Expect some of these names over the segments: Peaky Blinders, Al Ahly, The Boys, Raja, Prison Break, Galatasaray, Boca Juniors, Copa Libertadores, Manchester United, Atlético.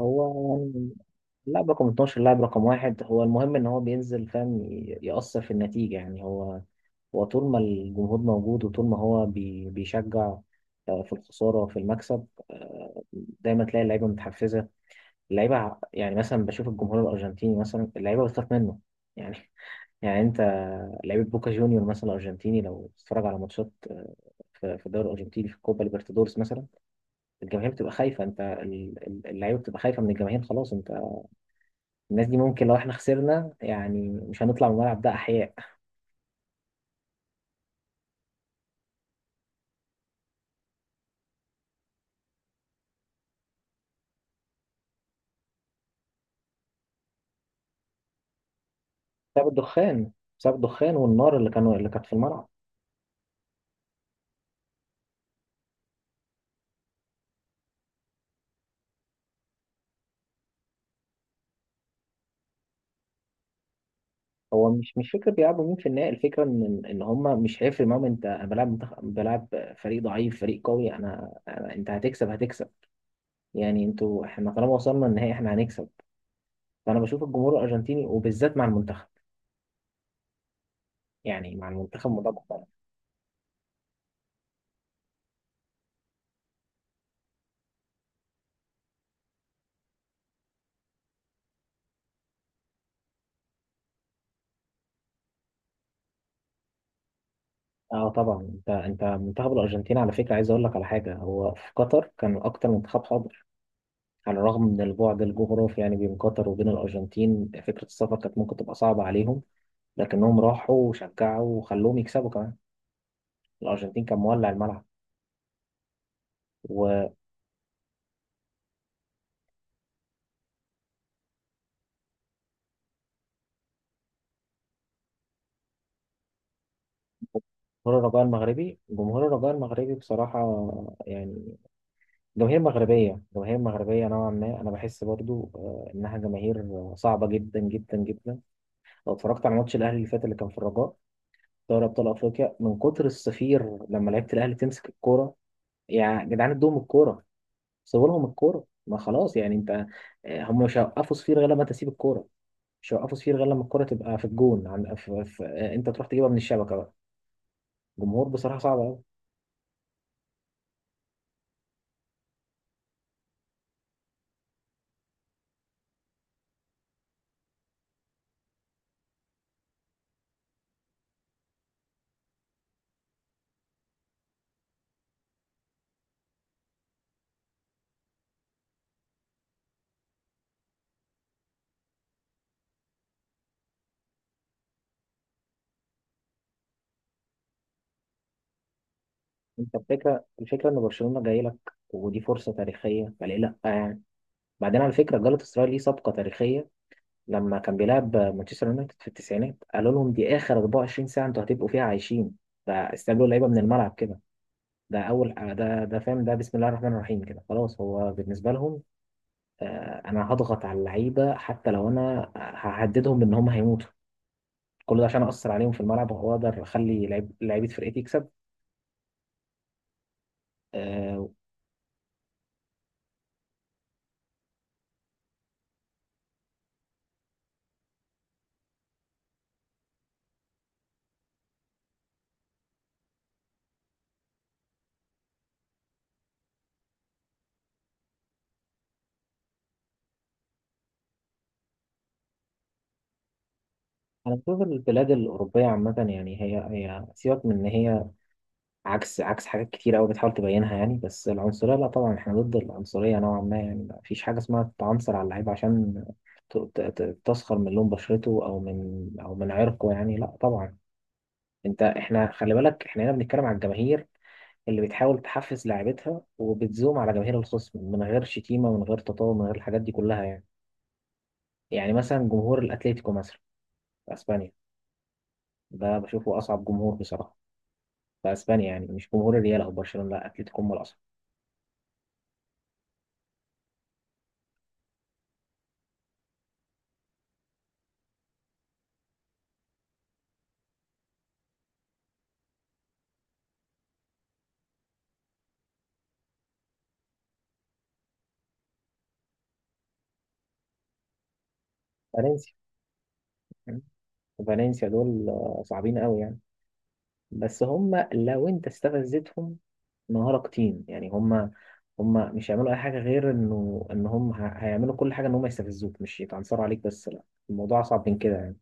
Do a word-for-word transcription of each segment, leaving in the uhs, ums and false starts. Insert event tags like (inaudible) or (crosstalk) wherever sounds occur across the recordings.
هو يعني اللاعب رقم اثنا عشر اللاعب رقم واحد هو المهم ان هو بينزل فاهم ي- يأثر في النتيجة. يعني هو هو طول ما الجمهور موجود وطول ما هو بي بيشجع، آه، في الخسارة وفي المكسب، آه، دايما تلاقي اللعيبة متحفزة. اللعيبة ع- يعني مثلا بشوف الجمهور الأرجنتيني، مثلا اللعيبة بتخاف منه يعني. (laughs) يعني انت، لعيبة بوكا جونيور مثلا الأرجنتيني، لو تتفرج على ماتشات، آه، في في الدوري الأرجنتيني، في الكوبا ليبرتادورس مثلا، الجماهير بتبقى خايفة. انت ال- ال- اللعيبة بتبقى خايفة من الجماهير، خلاص. انت الناس دي ممكن لو احنا خسرنا يعني مش هنطلع من الملعب ده احياء، بسبب الدخان، بسبب الدخان والنار اللي كانوا اللي كانت في الملعب. هو مش مش فكره بيلعبوا مين في النهائي، الفكره ان ان هم مش هيفرق معاهم. انت انا بلعب منتخ- بلعب فريق ضعيف، فريق قوي، انا, أنا انت هتكسب هتكسب يعني. انتوا احنا طالما وصلنا النهائي احنا هنكسب. فانا بشوف الجمهور الارجنتيني، وبالذات مع المنتخب، يعني مع المنتخب الموضوع مختلف. اه طبعا، انت انت منتخب الارجنتين على فكره، عايز اقول لك على حاجه، هو في قطر كان اكتر منتخب حاضر على الرغم من البعد الجغرافي يعني بين قطر وبين الأرجنتين. فكرة السفر كانت ممكن تبقى صعبة عليهم، لكنهم راحوا وشجعوا وخلوهم يكسبوا كمان. الأرجنتين كان مولع الملعب وجمهور. الرجاء المغربي، جمهور الرجاء المغربي بصراحة يعني، جماهير مغربية، جماهير مغربية نوعا ما، أنا بحس برضو آه، إنها جماهير صعبة جدا جدا جدا. لو اتفرجت على ماتش الأهلي اللي فات اللي كان في الرجاء، دوري أبطال أفريقيا، من كتر الصفير لما لعيبة الأهلي تمسك الكورة. يا جدعان ادوهم الكورة، سيبوا لهم الكوره، ما خلاص يعني. انت آه، هم مش هيوقفوا صفير غير لما تسيب الكوره، مش هيوقفوا صفير غير لما الكوره تبقى في الجون، عن في في آه، انت تروح تجيبها من الشبكه بقى. جمهور بصراحه صعب قوي. انت الفكره الفكره ان برشلونه جاي لك، ودي فرصه تاريخيه، فليه لا يعني؟ بعدين على فكره جالاتا سراي ليه سابقه تاريخيه. لما كان بيلعب مانشستر يونايتد في التسعينات قالوا لهم دي اخر اربعة وعشرين ساعه انتوا هتبقوا فيها عايشين. فاستقبلوا اللعيبه من الملعب كده. ده اول ده ده فاهم، ده بسم الله الرحمن الرحيم كده، خلاص هو بالنسبه لهم، آه، انا هضغط على اللعيبه حتى لو انا ههددهم ان هم هيموتوا. كل ده عشان اثر عليهم في الملعب واقدر اخلي لعيب- لعيبه فرقتي تكسب، آه، انا بشوف البلاد الاوروبيه عامه يعني، هي هي سيبك من ان هي عكس، عكس حاجات كتير قوي بتحاول تبينها يعني. بس العنصريه لا طبعا، احنا ضد العنصريه نوعا ما يعني. مفيش حاجه اسمها تعنصر على اللعيب عشان ت- ت- ت- تسخر من لون بشرته او من او من عرقه، يعني لا طبعا. انت احنا خلي بالك احنا هنا بنتكلم على الجماهير اللي بتحاول تحفز لاعيبتها وبتزوم على جماهير الخصم، من غير شتيمة ومن غير تطاول، من غير الحاجات دي كلها يعني. يعني مثلا جمهور الأتليتيكو مثلا في أسبانيا، ده بشوفه أصعب جمهور بصراحة في أسبانيا، يعني مش جمهور الريال أو برشلونة، لا أتليتيكو هم الأصعب. فالنسيا، فالنسيا دول آه، صعبين قوي يعني. بس هم لو أنت استفزتهم نهارك تيم، يعني هم هم مش هيعملوا أي حاجة غير إنه إن هم ه- هيعملوا كل حاجة إن هم يستفزوك، مش يتعنصروا عليك بس، لا الموضوع أصعب من كده يعني.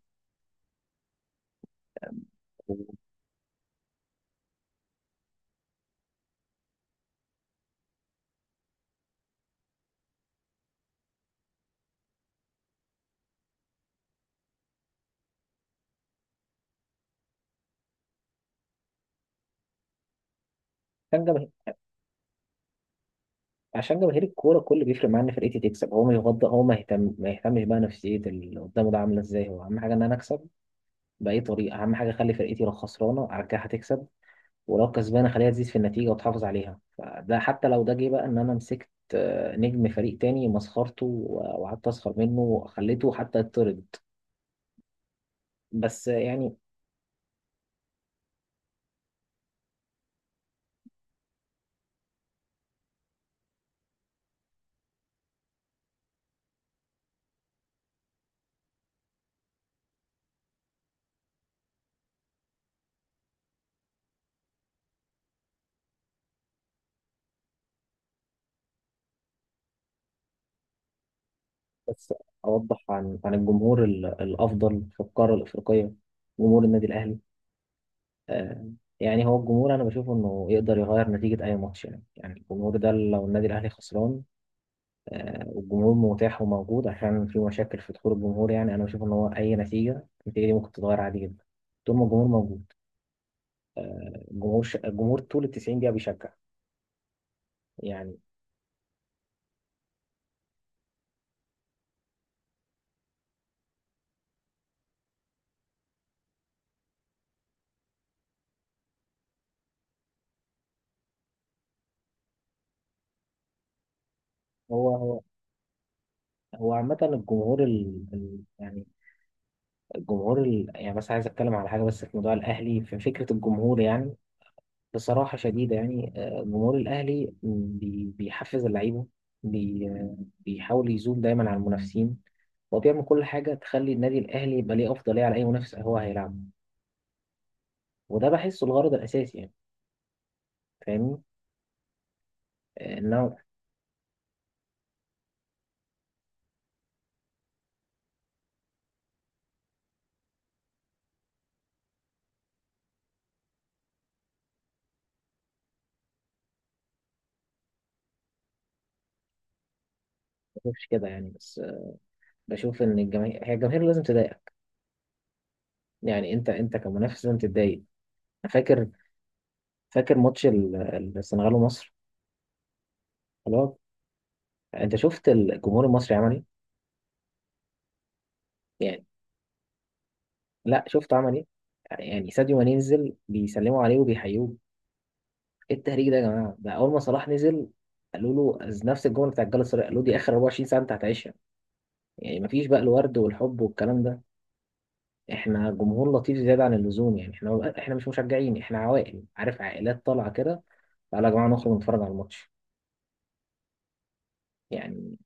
كان عشان جماهير الكوره كل بيفرق معاه ان فرقتي تكسب، هو ما يغض، هو ما يهتم ما يهتمش بقى نفسيه اللي قدامه ده عامله ازاي. هو اهم حاجه ان انا اكسب باي طريقه. اهم حاجه اخلي فرقتي، لو خسرانه ارجعها تكسب، ولو كسبانه اخليها تزيد في النتيجه وتحافظ عليها. فده حتى لو ده جه بقى ان انا مسكت آه، نجم فريق تاني مسخرته و- وقعدت اسخر منه وخليته حتى يطرد، بس آه، يعني. بس اوضح عن عن الجمهور ال- الافضل في القاره الافريقيه، جمهور النادي الاهلي، آه. يعني هو الجمهور انا بشوف انه يقدر يغير نتيجة اي ماتش يعني. يعني الجمهور ده لو النادي الاهلي خسران، آه، والجمهور متاح وموجود، عشان في مشاكل في دخول الجمهور يعني، انا بشوف ان هو اي نتيجة، النتيجة دي ممكن تتغير عادي جدا طول ما الجمهور موجود. الجمهور ش... الجمهور طول ال التسعين دقيقة بيشجع يعني. هو هو هو عامة، الجمهور ال... ال... يعني، الجمهور ال... يعني بس عايز اتكلم على حاجة بس في موضوع الاهلي، في فكرة الجمهور يعني. بصراحة شديدة يعني، آه، جمهور الأهلي بي- بيحفز اللعيبة، بي- آه، بيحاول يزوم دايما على المنافسين، وبيعمل كل حاجة تخلي النادي الأهلي يبقى ليه أفضلية على أي منافس هو هيلعبه، وده بحسه الغرض الأساسي يعني. فاهمني؟ آه، إن أنا ما بشوفش كده يعني. بس آه، بشوف إن الجماهير، هي الجماهير لازم تضايق يعني. أنت أنت كمنافس لازم تتضايق. أنا فاكر فاكر ماتش ال- السنغال ومصر. خلاص، أنت شفت الجمهور المصري عمل إيه؟ يعني لا، شفت عمل إيه؟ يعني ساديو ماني ينزل بيسلموا عليه وبيحيوه. ايه التهريج ده يا جماعه؟ ده اول ما صلاح نزل قالوا له نفس الجمله بتاع الجلاله السراي، قالوا دي اخر أربع وعشرين ساعه انت هتعيشها. يعني مفيش بقى الورد والحب والكلام ده. احنا جمهور لطيف زياده عن اللزوم يعني. احنا احنا مش مشجعين، احنا عوائل، عارف، عائلات طالعه كده، تعالى يا جماعه نخرج نتفرج على الماتش يعني.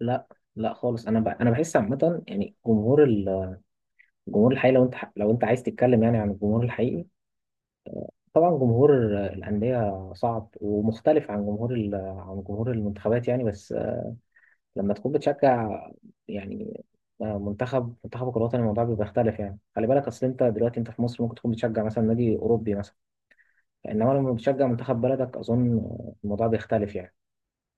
لا لا خالص. انا ب... انا بحس عامه يعني جمهور ال- الجمهور الحقيقي، لو انت ح- لو انت عايز تتكلم يعني عن الجمهور الحقيقي، طبعا جمهور الانديه صعب ومختلف عن جمهور ال... عن جمهور المنتخبات يعني. بس لما تكون بتشجع يعني آه، منتخب منتخبك الوطني، الموضوع بيبقى بيختلف يعني. خلي بالك، اصل انت دلوقتي انت في مصر ممكن تكون بتشجع مثلا نادي اوروبي مثلا، انما لما بتشجع منتخب بلدك، اظن الموضوع بيختلف يعني.